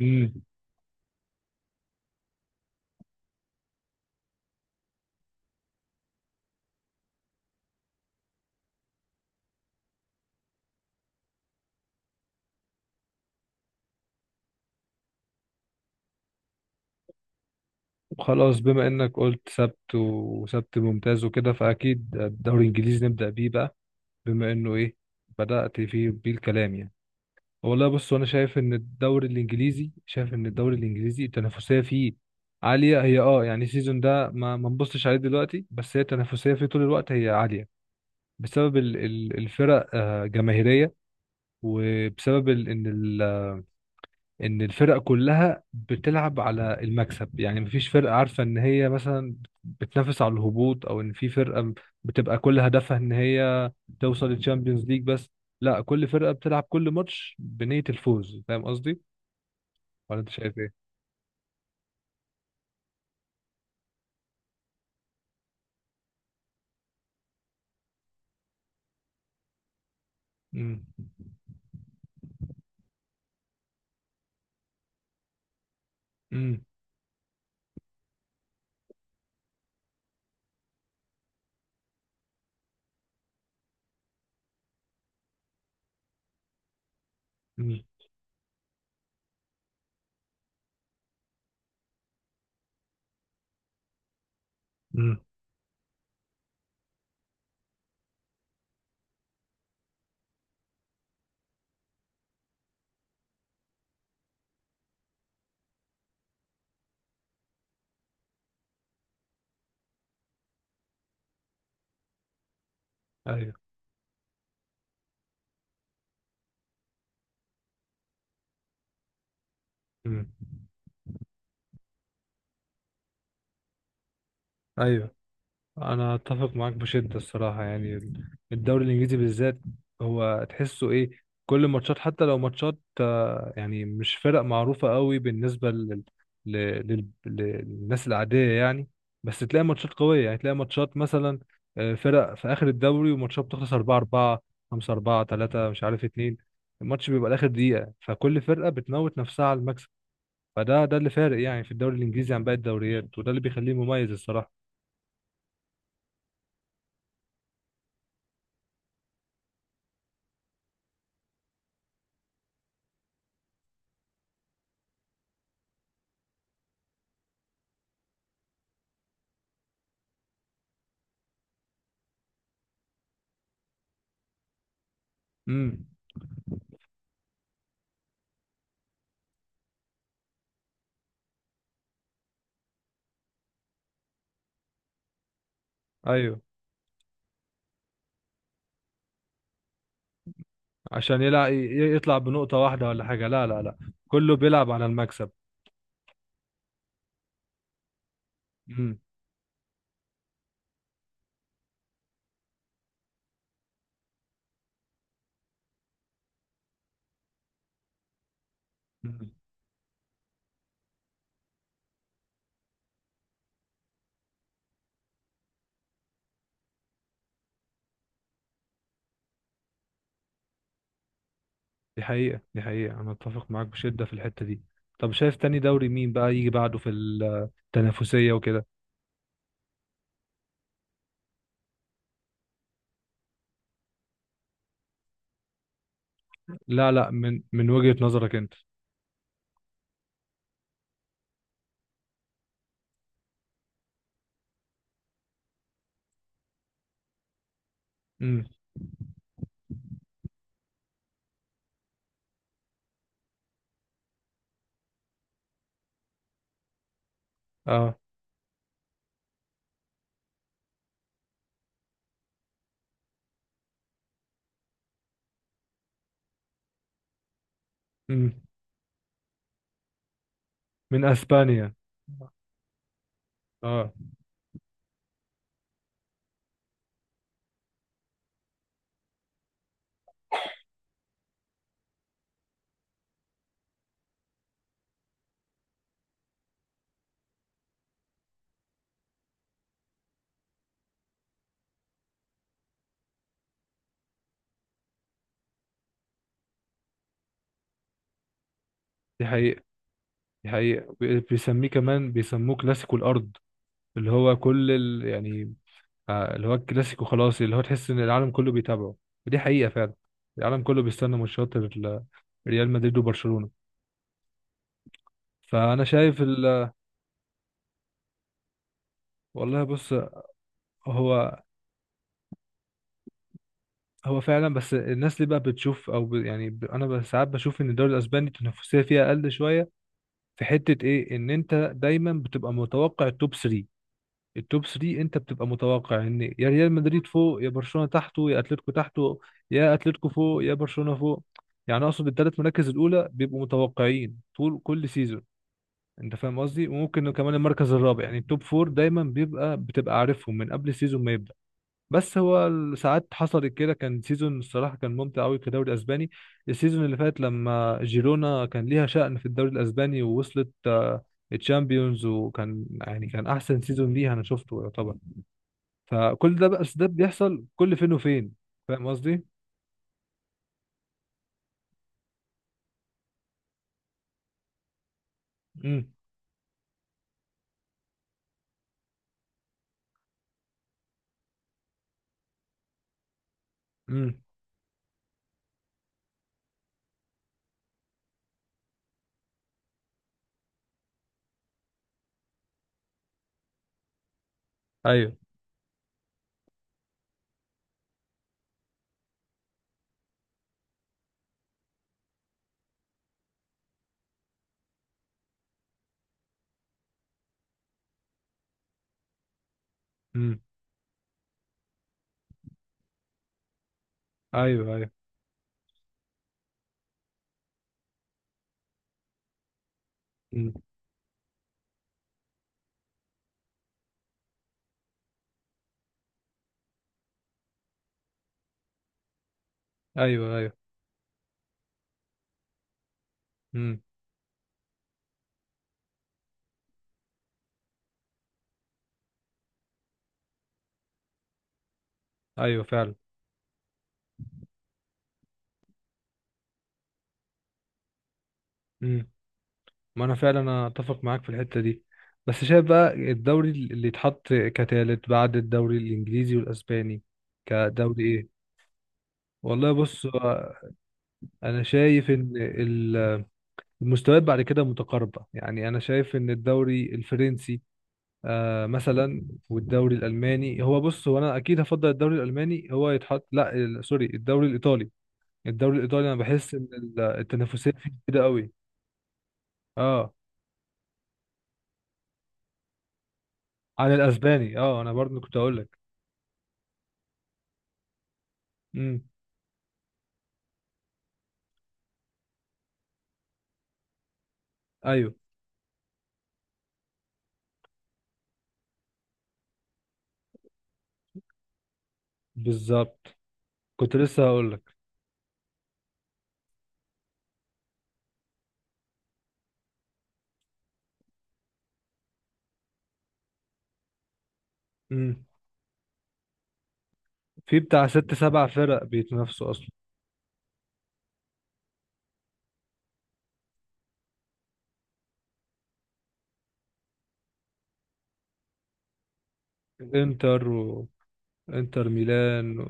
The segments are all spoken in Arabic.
امم خلاص، بما انك قلت سبت وسبت ممتاز وكده، فاكيد الدوري الانجليزي نبدا بيه بقى. بما انه ايه، بدات فيه بيه الكلام يعني. والله بص، انا شايف ان الدوري الانجليزي التنافسيه فيه عاليه. هي يعني السيزون ده ما نبصش عليه دلوقتي، بس هي التنافسيه فيه طول الوقت هي عاليه. بسبب الفرق جماهيريه. وبسبب ان الفرق كلها بتلعب على المكسب. يعني مفيش فرقة عارفة ان هي مثلا بتنافس على الهبوط، او ان في فرقة بتبقى كل هدفها ان هي توصل للتشامبيونز ليج بس. لا، كل فرقة بتلعب كل ماتش بنية الفوز. فاهم قصدي ولا انت شايف ايه؟ امم. امم. امم. ايوه. امم. ايوه، انا اتفق معاك بشده الصراحه يعني. الدوري الانجليزي بالذات هو تحسه ايه، كل ماتشات. حتى لو ماتشات يعني مش فرق معروفه قوي بالنسبه للناس العاديه يعني. بس تلاقي ماتشات قويه، يعني تلاقي ماتشات مثلا فرق في اخر الدوري، وماتشات بتخلص 4 4، 5 4، 3 مش عارف 2. الماتش بيبقى لاخر دقيقه، فكل فرقه بتموت نفسها على المكسب. فده اللي فارق يعني في الدوري الانجليزي عن باقي الدوريات، وده اللي بيخليه مميز الصراحه. امم. ايوه، عشان يلعب يطلع بنقطة واحدة ولا حاجة. لا لا لا، كله بيلعب على المكسب. امم. أمم. دي حقيقة، دي حقيقة، أنا أتفق معاك بشدة في الحتة دي. طب شايف تاني دوري مين بقى يجي بعده في التنافسية وكده؟ لا لا، من وجهة نظرك أنت. امم. اه. امم. من أسبانيا. اه. دي حقيقة، دي حقيقة، بيسميه كمان بيسموه كلاسيكو الأرض. اللي هو كل يعني اللي هو الكلاسيكو خلاص، اللي هو تحس ان العالم كله بيتابعه. ودي حقيقة فعلا، العالم كله بيستنى ماتشات ريال مدريد وبرشلونة. فانا شايف. والله بص، هو هو فعلا. بس الناس اللي بقى بتشوف او ب... يعني ب... انا ب- ساعات بشوف ان الدوري الاسباني التنافسية فيها اقل شوية. في حتة ايه، ان انت دايما بتبقى متوقع التوب 3، التوب 3 انت بتبقى متوقع ان يا ريال مدريد فوق، يا برشلونة تحته، يا اتلتيكو تحته، يا اتلتيكو فوق، يا برشلونة فوق. يعني اقصد الثلاث مراكز الاولى بيبقوا متوقعين طول كل سيزون. انت فاهم قصدي. وممكن كمان المركز الرابع، يعني التوب 4 دايما بتبقى عارفهم من قبل السيزون ما يبدأ. بس هو ساعات حصلت كده، كان سيزون الصراحة كان ممتع قوي كدوري اسباني. السيزون اللي فات لما جيرونا كان ليها شأن في الدوري الاسباني، ووصلت الشامبيونز، وكان يعني كان احسن سيزون ليها انا شفته يعتبر. فكل ده بقى، بس ده بيحصل كل فين وفين. فاهم قصدي؟ امم. امم. ايوه. امم. ايوه. ايوه. امم. ايوه. ايوه. امم. ايوه فعلا. امم. ما انا فعلا اتفق معاك في الحته دي. بس شايف بقى الدوري اللي يتحط كتالت بعد الدوري الانجليزي والاسباني كدوري ايه؟ والله بص، هو انا شايف ان المستويات بعد كده متقاربه. يعني انا شايف ان الدوري الفرنسي مثلا، والدوري الالماني هو بص، هو انا اكيد هفضل الدوري الالماني هو يتحط. لا سوري، الدوري الايطالي. الدوري الايطالي انا بحس ان التنافسيه فيه كده قوي. اه. عن الاسباني، اه انا برضه كنت هقول لك. امم. ايوه بالظبط، كنت لسه هقول لك. امم. في بتاع ست سبع فرق بيتنافسوا اصلا. انتر و... انتر ميلان و...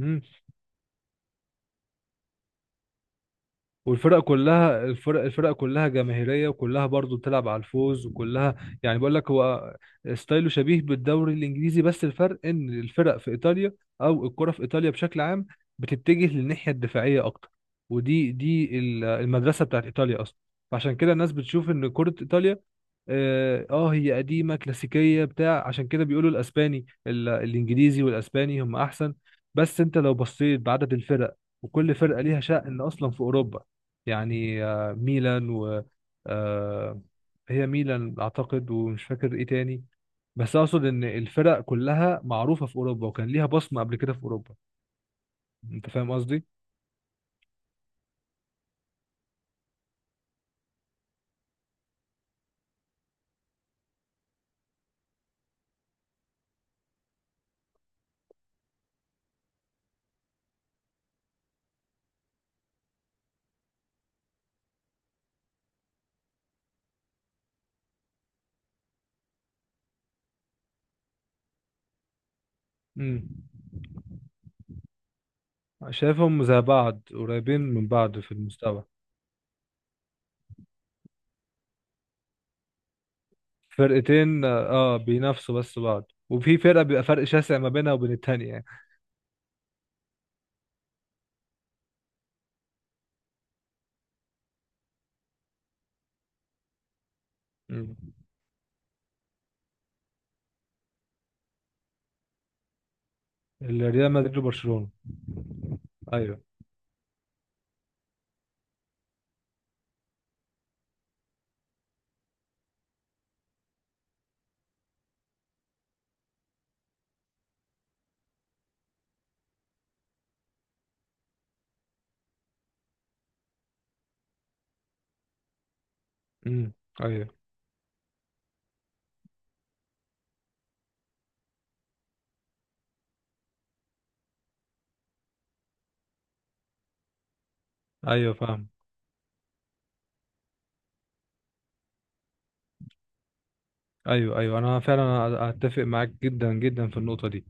مم. والفرق كلها، الفرق كلها جماهيريه، وكلها برضو بتلعب على الفوز، وكلها يعني. بقول لك هو ستايله شبيه بالدوري الانجليزي، بس الفرق ان الفرق في ايطاليا، او الكره في ايطاليا بشكل عام، بتتجه للناحيه الدفاعيه اكتر. ودي المدرسه بتاعت ايطاليا اصلا. فعشان كده الناس بتشوف ان كره ايطاليا هي قديمه كلاسيكيه بتاع. عشان كده بيقولوا الاسباني الانجليزي والاسباني هم احسن. بس انت لو بصيت بعدد الفرق، وكل فرقه ليها شأن اصلا في اوروبا. يعني ميلان و... آه، هي ميلان اعتقد، ومش فاكر ايه تاني. بس اقصد ان الفرق كلها معروفه في اوروبا، وكان ليها بصمه قبل كده في اوروبا. انت فاهم قصدي؟ امم. شايفهم زي بعض قريبين من بعض في المستوى. فرقتين بينافسوا بس بعض، وفي فرقة بيبقى فرق شاسع ما بينها وبين التانية يعني. مم. الريال مدريد وبرشلونة. ايوه. امم. ايوه. ايوه فاهم. ايوه. ايوه، انا فعلا اتفق معاك جدا جدا في النقطة دي.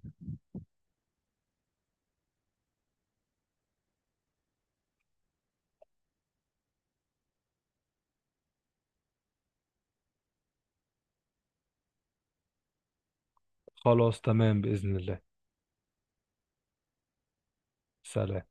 خلاص تمام، بإذن الله. سلام.